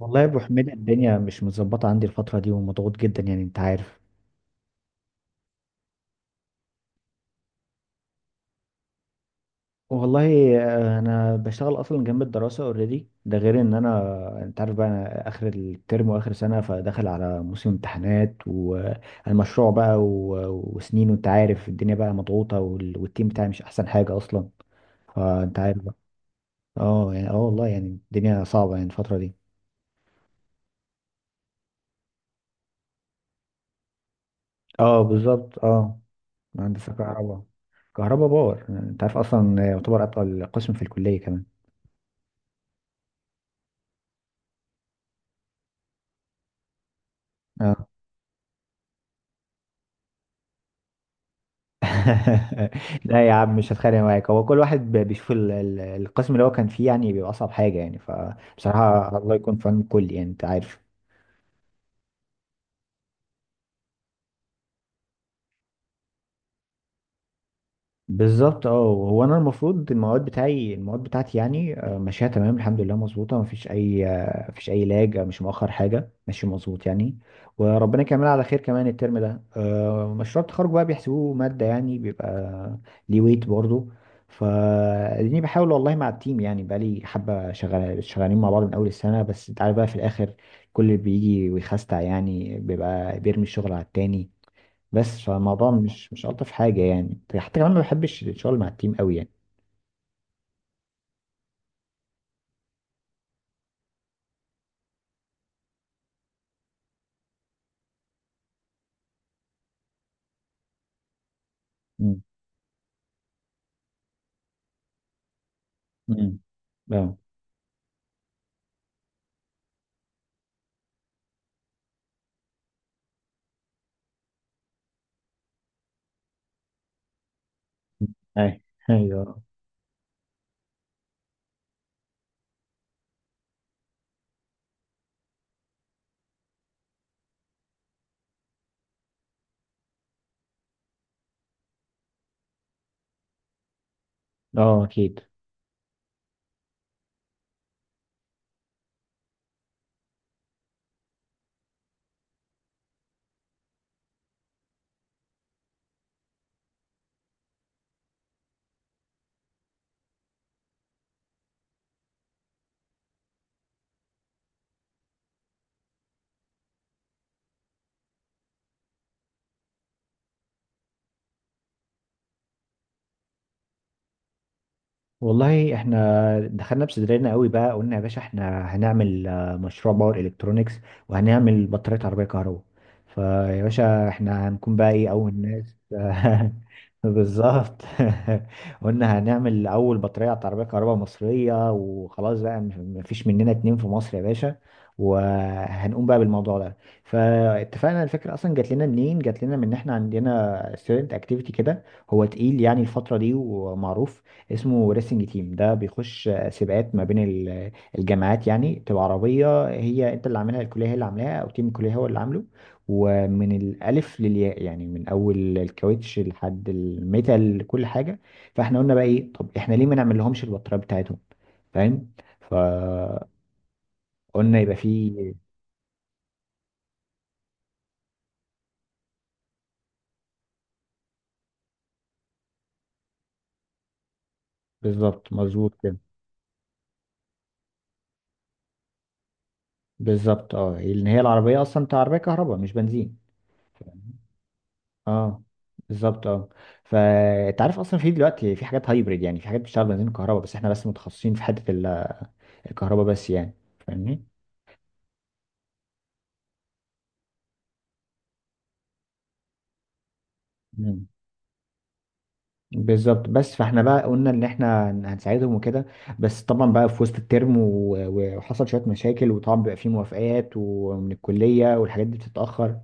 والله يا ابو حميد، الدنيا مش متظبطه عندي الفتره دي ومضغوط جدا، يعني انت عارف. والله انا بشتغل اصلا جنب الدراسه اوريدي، ده غير ان انا انت عارف بقى انا اخر الترم واخر سنه، فداخل على موسم امتحانات والمشروع بقى وسنين، وانت عارف الدنيا بقى مضغوطه، والتيم بتاعي مش احسن حاجه اصلا. فانت عارف بقى. اه يعني اه والله يعني الدنيا صعبه يعني الفتره دي. اه بالظبط اه. هندسه كهرباء. كهرباء باور، انت عارف اصلا يعتبر اتقل قسم في الكليه كمان. اه. لا يا عم مش هتخانق معاك، هو كل واحد بيشوف القسم اللي هو كان فيه يعني بيبقى اصعب حاجه يعني، فبصراحه الله يكون في عون الكل، يعني انت عارف. بالظبط اه. هو انا المفروض المواد بتاعي، المواد بتاعتي يعني ماشيه تمام الحمد لله، مظبوطه، مفيش اي مفيش اي لاج، مش مؤخر حاجه، ماشي مظبوط يعني. وربنا يكملها على خير كمان الترم ده. مشروع التخرج بقى بيحسبوه ماده يعني بيبقى ليه ويت برضه. فاديني بحاول والله مع التيم يعني، بقالي حبه شغال، شغالين مع بعض من اول السنه، بس انت عارف بقى في الاخر كل اللي بيجي ويخستع يعني بيبقى بيرمي الشغل على التاني. بس فالموضوع مش الطف حاجه يعني، حتى كمان ما بحبش الشغل مع التيم قوي يعني. امم امم اه. أي- ايوه. اه. اكيد. والله احنا دخلنا بصدرنا قوي بقى، قلنا يا باشا احنا هنعمل مشروع باور الكترونيكس، وهنعمل بطارية عربية كهرباء. فيا باشا احنا هنكون بقى ايه، اول ناس. بالظبط. قلنا هنعمل اول بطارية عربية كهرباء مصرية، وخلاص بقى، مفيش مننا اتنين في مصر يا باشا، وهنقوم بقى بالموضوع ده. فاتفقنا. الفكرة اصلا جات لنا منين؟ جات لنا من ان احنا عندنا ستودنت اكتيفيتي كده، هو تقيل يعني الفترة دي ومعروف، اسمه ريسنج تيم، ده بيخش سباقات ما بين الجامعات. يعني تبقى عربية، هي انت اللي عاملها، الكلية هي اللي عاملاها او تيم الكلية هو اللي عامله، ومن الألف للياء يعني، من أول الكاوتش لحد الميتال كل حاجة. فاحنا قلنا بقى ايه، طب احنا ليه ما نعملهمش البطارية بتاعتهم؟ فاهم؟ فقلنا يبقى فيه. بالظبط مظبوط كده. بالظبط اه، لأن هي العربية أصلا، انت عربية كهرباء مش بنزين. اه بالظبط اه. فانت عارف اصلا في دلوقتي في حاجات هايبريد، يعني في حاجات بتشتغل بنزين وكهرباء، بس احنا بس متخصصين في حته الكهرباء بس يعني. فاهمني؟ مم. بالظبط بس. فاحنا بقى قلنا ان احنا هنساعدهم وكده. بس طبعا بقى في وسط الترم وحصل شويه مشاكل، وطبعا بيبقى فيه موافقات ومن الكليه والحاجات دي بتتاخر،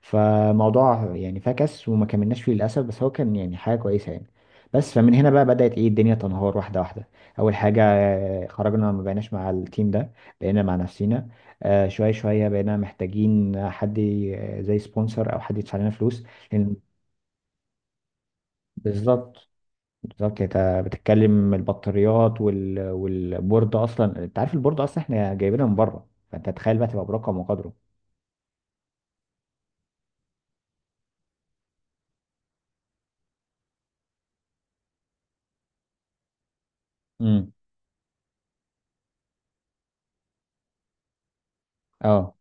فموضوع يعني فكس، وما كملناش فيه للاسف. بس هو كان يعني حاجه كويسه يعني. بس فمن هنا بقى بدات ايه، الدنيا تنهار واحده واحده. اول حاجه، خرجنا، ما بقيناش مع التيم ده، بقينا مع نفسنا. شويه شويه بقينا محتاجين حد زي سبونسر او حد يدفع لنا فلوس. لأن- بالظبط بالظبط. يعني انت بتتكلم البطاريات والبورد، اصلا انت عارف البورد اصلا احنا جايبينها من بره، فانت تخيل بقى تبقى برقم وقدره. امم اه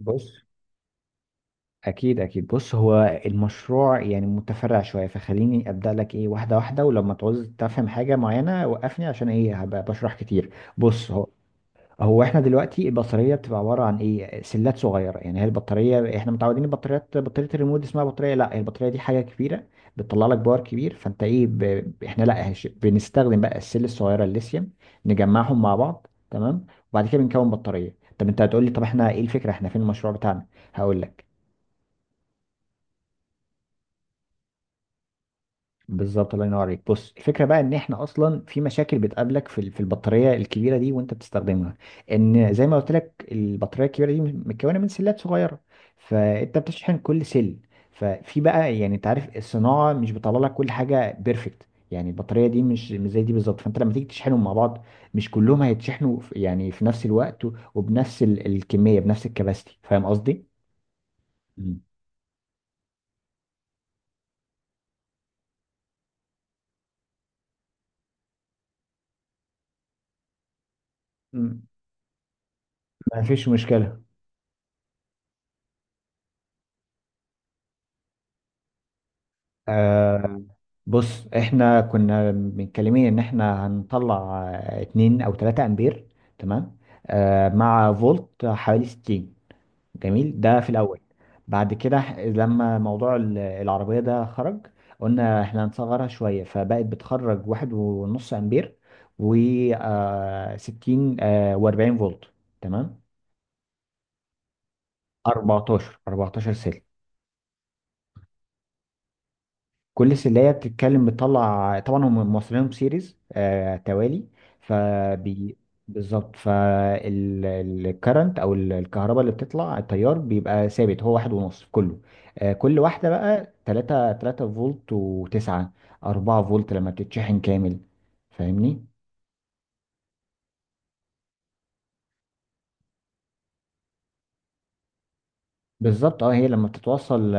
بص. اكيد اكيد بص، هو المشروع يعني متفرع شويه، فخليني ابدا لك ايه، واحده واحده، ولما تعوز تفهم حاجه معينه وقفني، عشان ايه هبقى بشرح كتير. بص هو، احنا دلوقتي البطاريه بتبقى عباره عن ايه، سلات صغيره. يعني هي البطاريه احنا متعودين البطاريات، بطاريه الريموت دي اسمها بطاريه، لا البطاريه دي حاجه كبيره، بتطلع لك باور كبير. فانت ايه احنا لا بنستخدم بقى السل الصغيره الليثيوم، نجمعهم مع بعض تمام، وبعد كده بنكون بطاريه. طب انت هتقول لي طب احنا ايه الفكره، احنا فين المشروع بتاعنا؟ هقول لك. بالظبط الله ينور عليك. بص الفكره بقى ان احنا اصلا في مشاكل بتقابلك في البطاريه الكبيره دي وانت بتستخدمها، ان زي ما قلت لك البطاريه الكبيره دي متكونه من سلات صغيره، فانت بتشحن كل سل. ففي بقى، يعني انت عارف الصناعه مش بتطلع لك كل حاجه بيرفكت، يعني البطاريه دي مش زي دي بالظبط، فانت لما تيجي تشحنهم مع بعض مش كلهم هيتشحنوا في- يعني في نفس الوقت وبنفس الكميه، بنفس الكباستي. فاهم قصدي؟ مم. مم. ما فيش مشكله. آه بص احنا كنا متكلمين ان احنا هنطلع اتنين او تلاتة امبير تمام، آه مع فولت حوالي ستين. جميل، ده في الاول. بعد كده لما موضوع العربية ده خرج، قلنا احنا هنصغرها شوية، فبقت بتخرج واحد ونص امبير، و ستين آه واربعين فولت تمام. 14 14 سلك. كل سلية بتتكلم بتطلع، طبعا هم موصلينهم سيريز آه توالي. فبي بالظبط. فالكرنت او الكهرباء اللي بتطلع، التيار بيبقى ثابت هو واحد ونص في كله. آه كل واحدة بقى 3 3 فولت، و9 4 فولت لما بتتشحن كامل. فاهمني؟ بالظبط اه.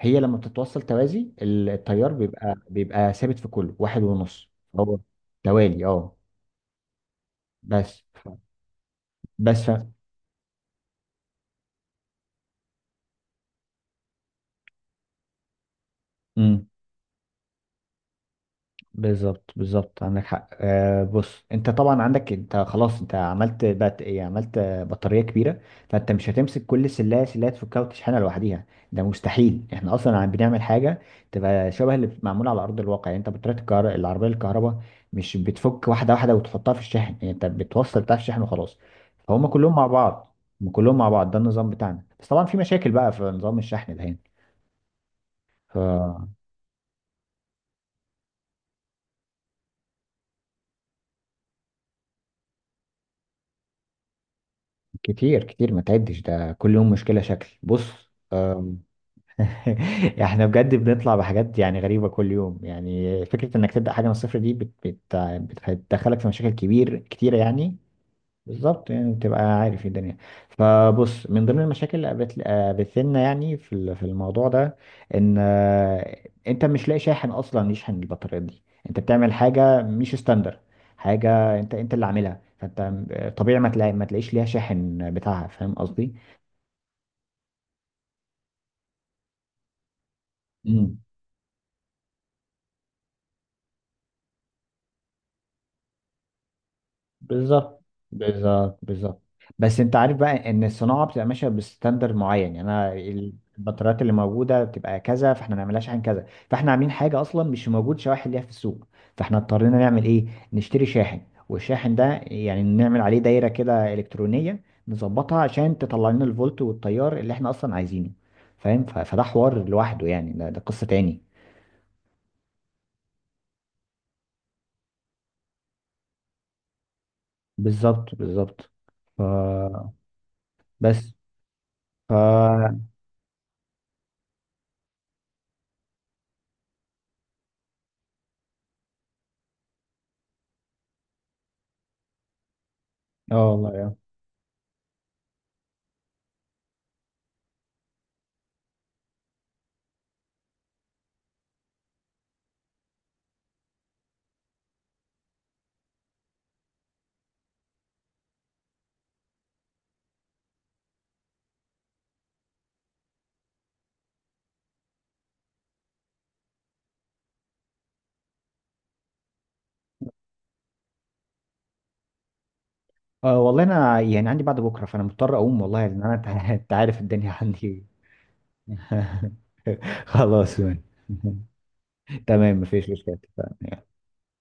هي لما بتتوصل توازي التيار بيبقى ثابت في كله واحد ونص. هو توالي اه. بس. بس ف... مم. بالظبط بالظبط عندك حق. آه بص انت طبعا عندك، انت خلاص انت عملت بات ايه، عملت بطاريه كبيره، فانت مش هتمسك كل سلايه سلايه تفكها وتشحنها لوحديها، ده مستحيل، احنا اصلا عم بنعمل حاجه تبقى شبه اللي معموله على ارض الواقع. يعني انت بطاريه العربيه الكهرباء مش بتفك واحده واحده وتحطها في الشاحن، يعني انت بتوصل بتاع الشحن وخلاص، فهم كلهم مع بعض. هم كلهم مع بعض، ده النظام بتاعنا. بس طبعا في مشاكل بقى في نظام الشحن ده هنا. كتير كتير ما تعدش، ده كل يوم مشكلة شكل. بص آم، احنا بجد بنطلع بحاجات يعني غريبة كل يوم، يعني فكرة انك تبدأ حاجة من الصفر دي بت بت بتدخلك في مشاكل كبير كتيرة يعني. بالظبط يعني تبقى عارف إيه الدنيا. فبص من ضمن المشاكل اللي قابلت لنا يعني في الموضوع ده، ان انت مش لاقي شاحن اصلا يشحن البطاريات دي. انت بتعمل حاجه مش ستاندر، حاجه انت اللي عاملها، فانت طبيعي ما تلاقيش ليها شاحن بتاعها. فاهم قصدي؟ مم. بالظبط بالظبط بالظبط. بس انت عارف بقى ان الصناعه بتبقى ماشيه بستاندر معين، يعني انا البطاريات اللي موجوده بتبقى كذا، فاحنا ما نعملهاش عن كذا، فاحنا عاملين حاجه اصلا مش موجود شواحن ليها في السوق. فاحنا اضطرينا نعمل ايه، نشتري شاحن، والشاحن ده يعني نعمل عليه دايره كده الكترونيه، نظبطها عشان تطلع لنا الفولت والتيار اللي احنا اصلا عايزينه. فاهم؟ فده حوار لوحده يعني، ده قصه تاني. بالظبط بالظبط. ف بس. ف اه. والله، أه والله انا يعني عندي بعد بكره فانا مضطر اقوم والله، لان انا انت عارف الدنيا عندي. خلاص. تمام مفيش مشكله، اتفقنا.